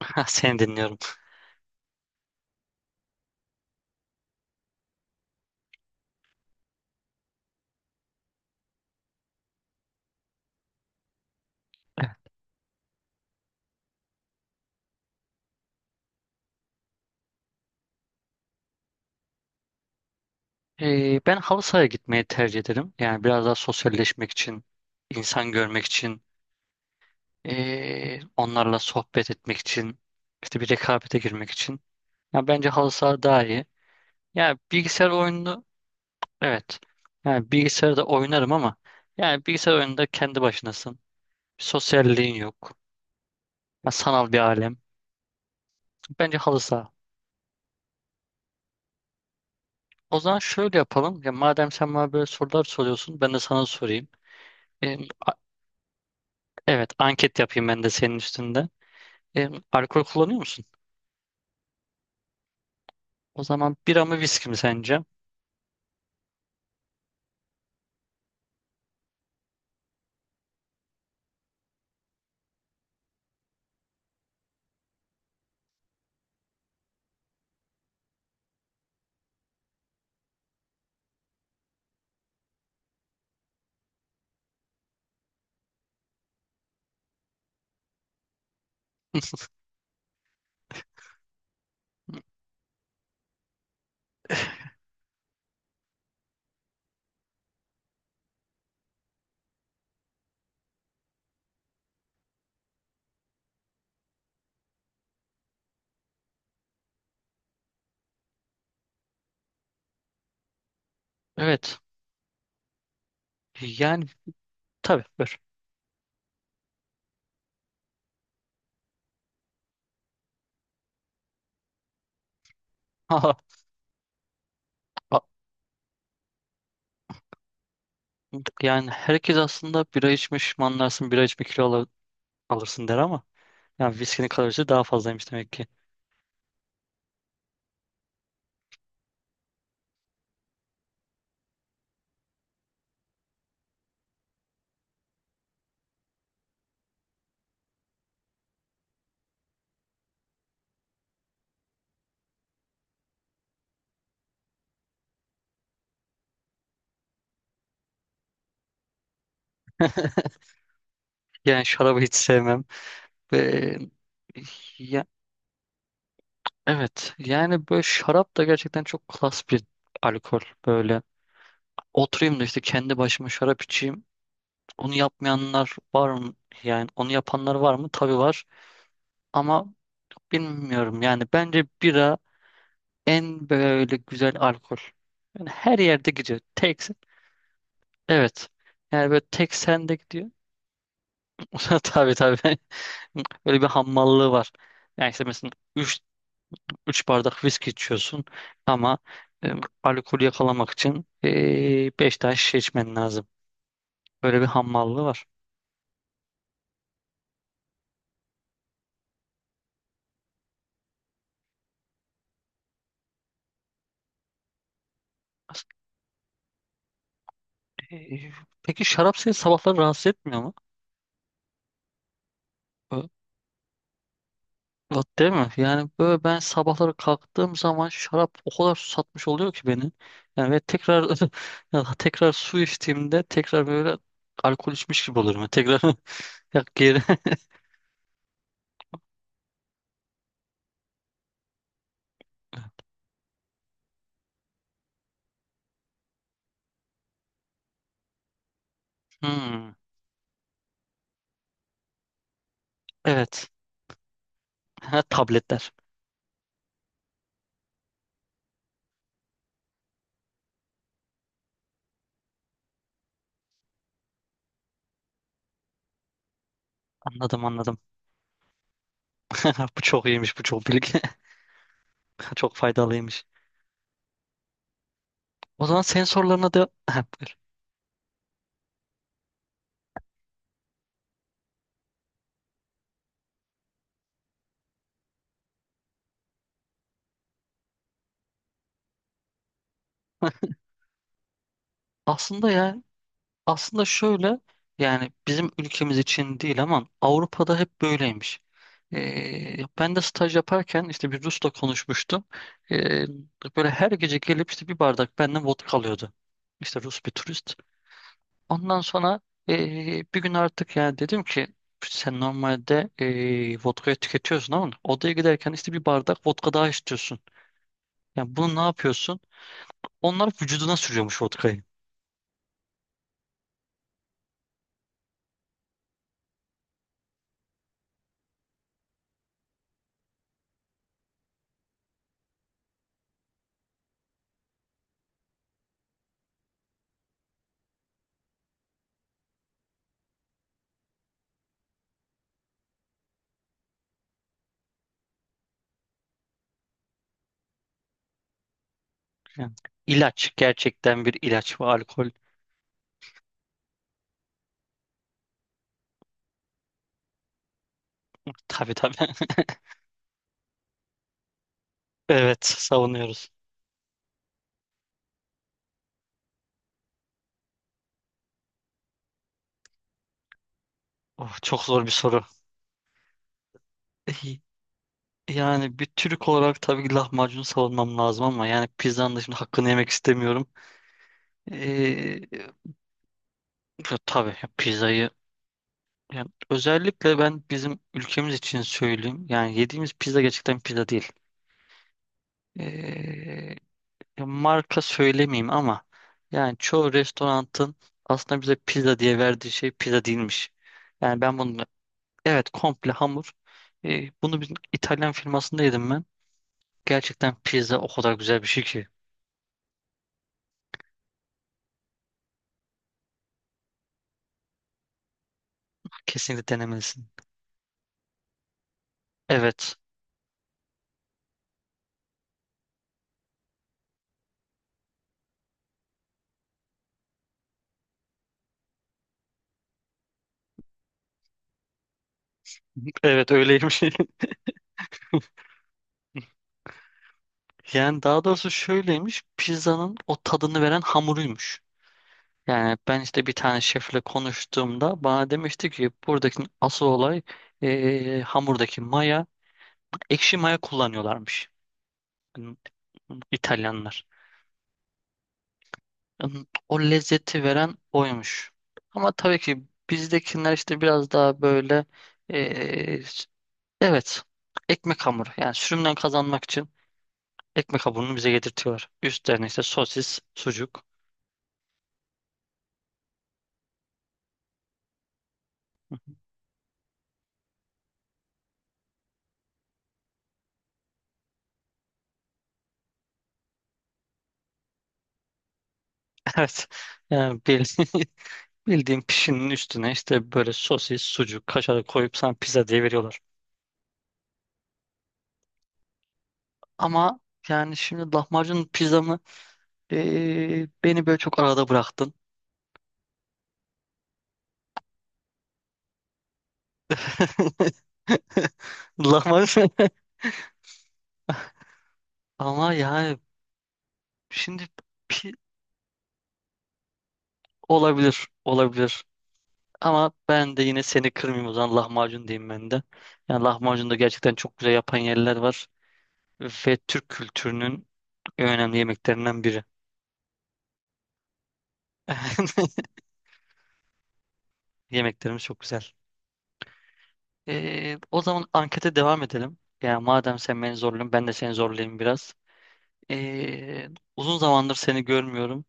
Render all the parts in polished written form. Ha, seni dinliyorum. Ben halı sahaya gitmeyi tercih ederim. Yani biraz daha sosyalleşmek için, insan görmek için, onlarla sohbet etmek için, işte bir rekabete girmek için. Ya bence halı saha daha iyi. Yani bilgisayar oyunu, evet. Yani bilgisayarda oynarım ama yani bilgisayar oyununda kendi başınasın. Sosyalliğin yok. Ya sanal bir alem. Bence halı saha. O zaman şöyle yapalım. Ya madem sen bana böyle sorular soruyorsun, ben de sana sorayım. Evet, anket yapayım ben de senin üstünde. Alkol kullanıyor musun? O zaman bira mı viski mi sence? Evet. Yani, tabii, buyur. Haha. A- Yani herkes aslında bira içmiş, manlarsın, bira içme kilo alırsın der ama yani viskinin kalorisi daha fazlaymış demek ki. Yani şarabı hiç sevmem. Ve Ya, evet, yani böyle şarap da gerçekten çok klas bir alkol böyle. Oturayım da işte kendi başıma şarap içeyim. Onu yapmayanlar var mı? Yani onu yapanlar var mı? Tabii var. Ama bilmiyorum, yani bence bira en böyle güzel alkol. Yani her yerde gidiyor. Tek, evet. Yani böyle tek sende gidiyor. Tabii, tabii. Böyle bir hammallığı var. Yani işte mesela üç bardak viski içiyorsun ama e, alkolü yakalamak için 5 tane şişe içmen lazım. Böyle bir hammallığı var. As- e, peki şarap seni sabahları rahatsız etmiyor mu? Bak, değil mi? Yani böyle ben sabahları kalktığım zaman şarap o kadar susatmış oluyor ki beni. Yani ve tekrar ya, tekrar su içtiğimde tekrar böyle alkol içmiş gibi olurum. Yani tekrar ya geri. Hmm, evet. Ha, tabletler. Anladım, anladım. Bu çok iyiymiş, bu çok bilgi. Çok faydalıymış. O zaman senin sorularına da ha, buyur. Aslında ya, aslında şöyle, yani bizim ülkemiz için değil ama Avrupa'da hep böyleymiş. Ben de staj yaparken işte bir Rus'la konuşmuştum. Ee, Böyle her gece gelip işte bir bardak benden vodka alıyordu. İşte Rus bir turist. Ondan sonra bir gün artık yani dedim ki sen normalde vodkayı tüketiyorsun ama odaya giderken işte bir bardak vodka daha istiyorsun. Yani bunu ne yapıyorsun? Onlar vücuduna sürüyormuş vodkayı. Yani ilaç, gerçekten bir ilaç ve alkol. Tabii, tabii. Evet, savunuyoruz. Oh, çok zor bir soru. E, Yani bir Türk olarak tabii ki lahmacunu savunmam lazım ama yani pizzanın da şimdi hakkını yemek istemiyorum. E, Ya tabii, ya pizzayı, yani özellikle ben bizim ülkemiz için söyleyeyim. Yani yediğimiz pizza gerçekten pizza değil. E, Ya marka söylemeyeyim ama yani çoğu restoranın aslında bize pizza diye verdiği şey pizza değilmiş. Yani ben bunu, evet, komple hamur. Bunu bir İtalyan firmasında yedim ben. Gerçekten pizza o kadar güzel bir şey ki. Kesinlikle denemelisin. Evet. Evet, öyleymiş. Yani daha doğrusu şöyleymiş. Pizzanın o tadını veren hamuruymuş. Yani ben işte bir tane şefle konuştuğumda bana demişti ki buradaki asıl olay hamurdaki maya. Ekşi maya kullanıyorlarmış. Hani İtalyanlar. O lezzeti veren oymuş. Ama tabii ki bizdekiler işte biraz daha böyle, eee, evet, ekmek hamuru. Yani sürümden kazanmak için ekmek hamurunu bize getirtiyorlar. Üstlerine işte sosis, sucuk. Evet. Yani bildiğin pişinin üstüne işte böyle sosis, sucuk, kaşar koyup sana pizza diye veriyorlar. Ama yani şimdi lahmacun pizzamı beni böyle çok arada bıraktın. Lahmacun, ama yani, şimdi pi olabilir, olabilir. Ama ben de yine seni kırmayayım, o zaman lahmacun diyeyim ben de. Yani lahmacun da gerçekten çok güzel yapan yerler var. Ve Türk kültürünün en önemli yemeklerinden biri. Yemeklerimiz çok güzel. O zaman ankete devam edelim. Yani madem sen beni zorluyorsun ben de seni zorlayayım biraz. Ee, Uzun zamandır seni görmüyorum.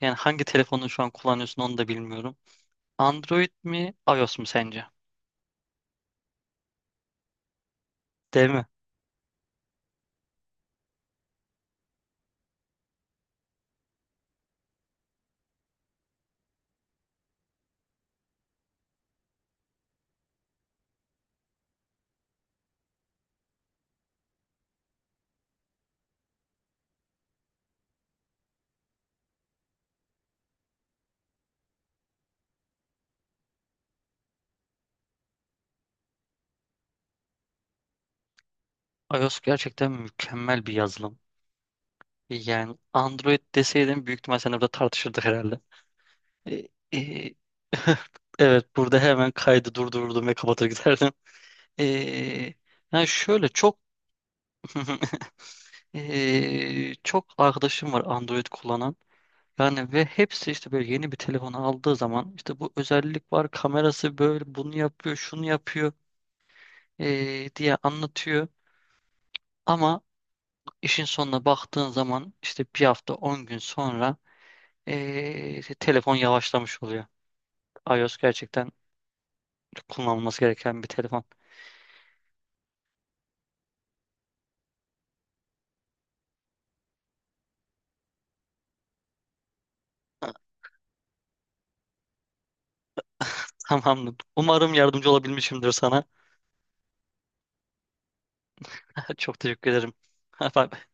Yani hangi telefonu şu an kullanıyorsun onu da bilmiyorum. Android mi iOS mu sence? Değil mi? iOS gerçekten mükemmel bir yazılım. Yani Android deseydim büyük ihtimal seninle burada tartışırdık herhalde. E, e, evet, burada hemen kaydı durdururdum ve kapatır giderdim. E, Yani şöyle çok çok arkadaşım var Android kullanan. Yani ve hepsi işte böyle yeni bir telefon aldığı zaman işte bu özellik var, kamerası böyle, bunu yapıyor, şunu yapıyor diye anlatıyor. Ama işin sonuna baktığın zaman işte bir hafta 10 gün sonra telefon yavaşlamış oluyor. iOS gerçekten çok kullanılması gereken bir telefon. Tamamdır. Umarım yardımcı olabilmişimdir sana. Çok teşekkür ederim. Bye.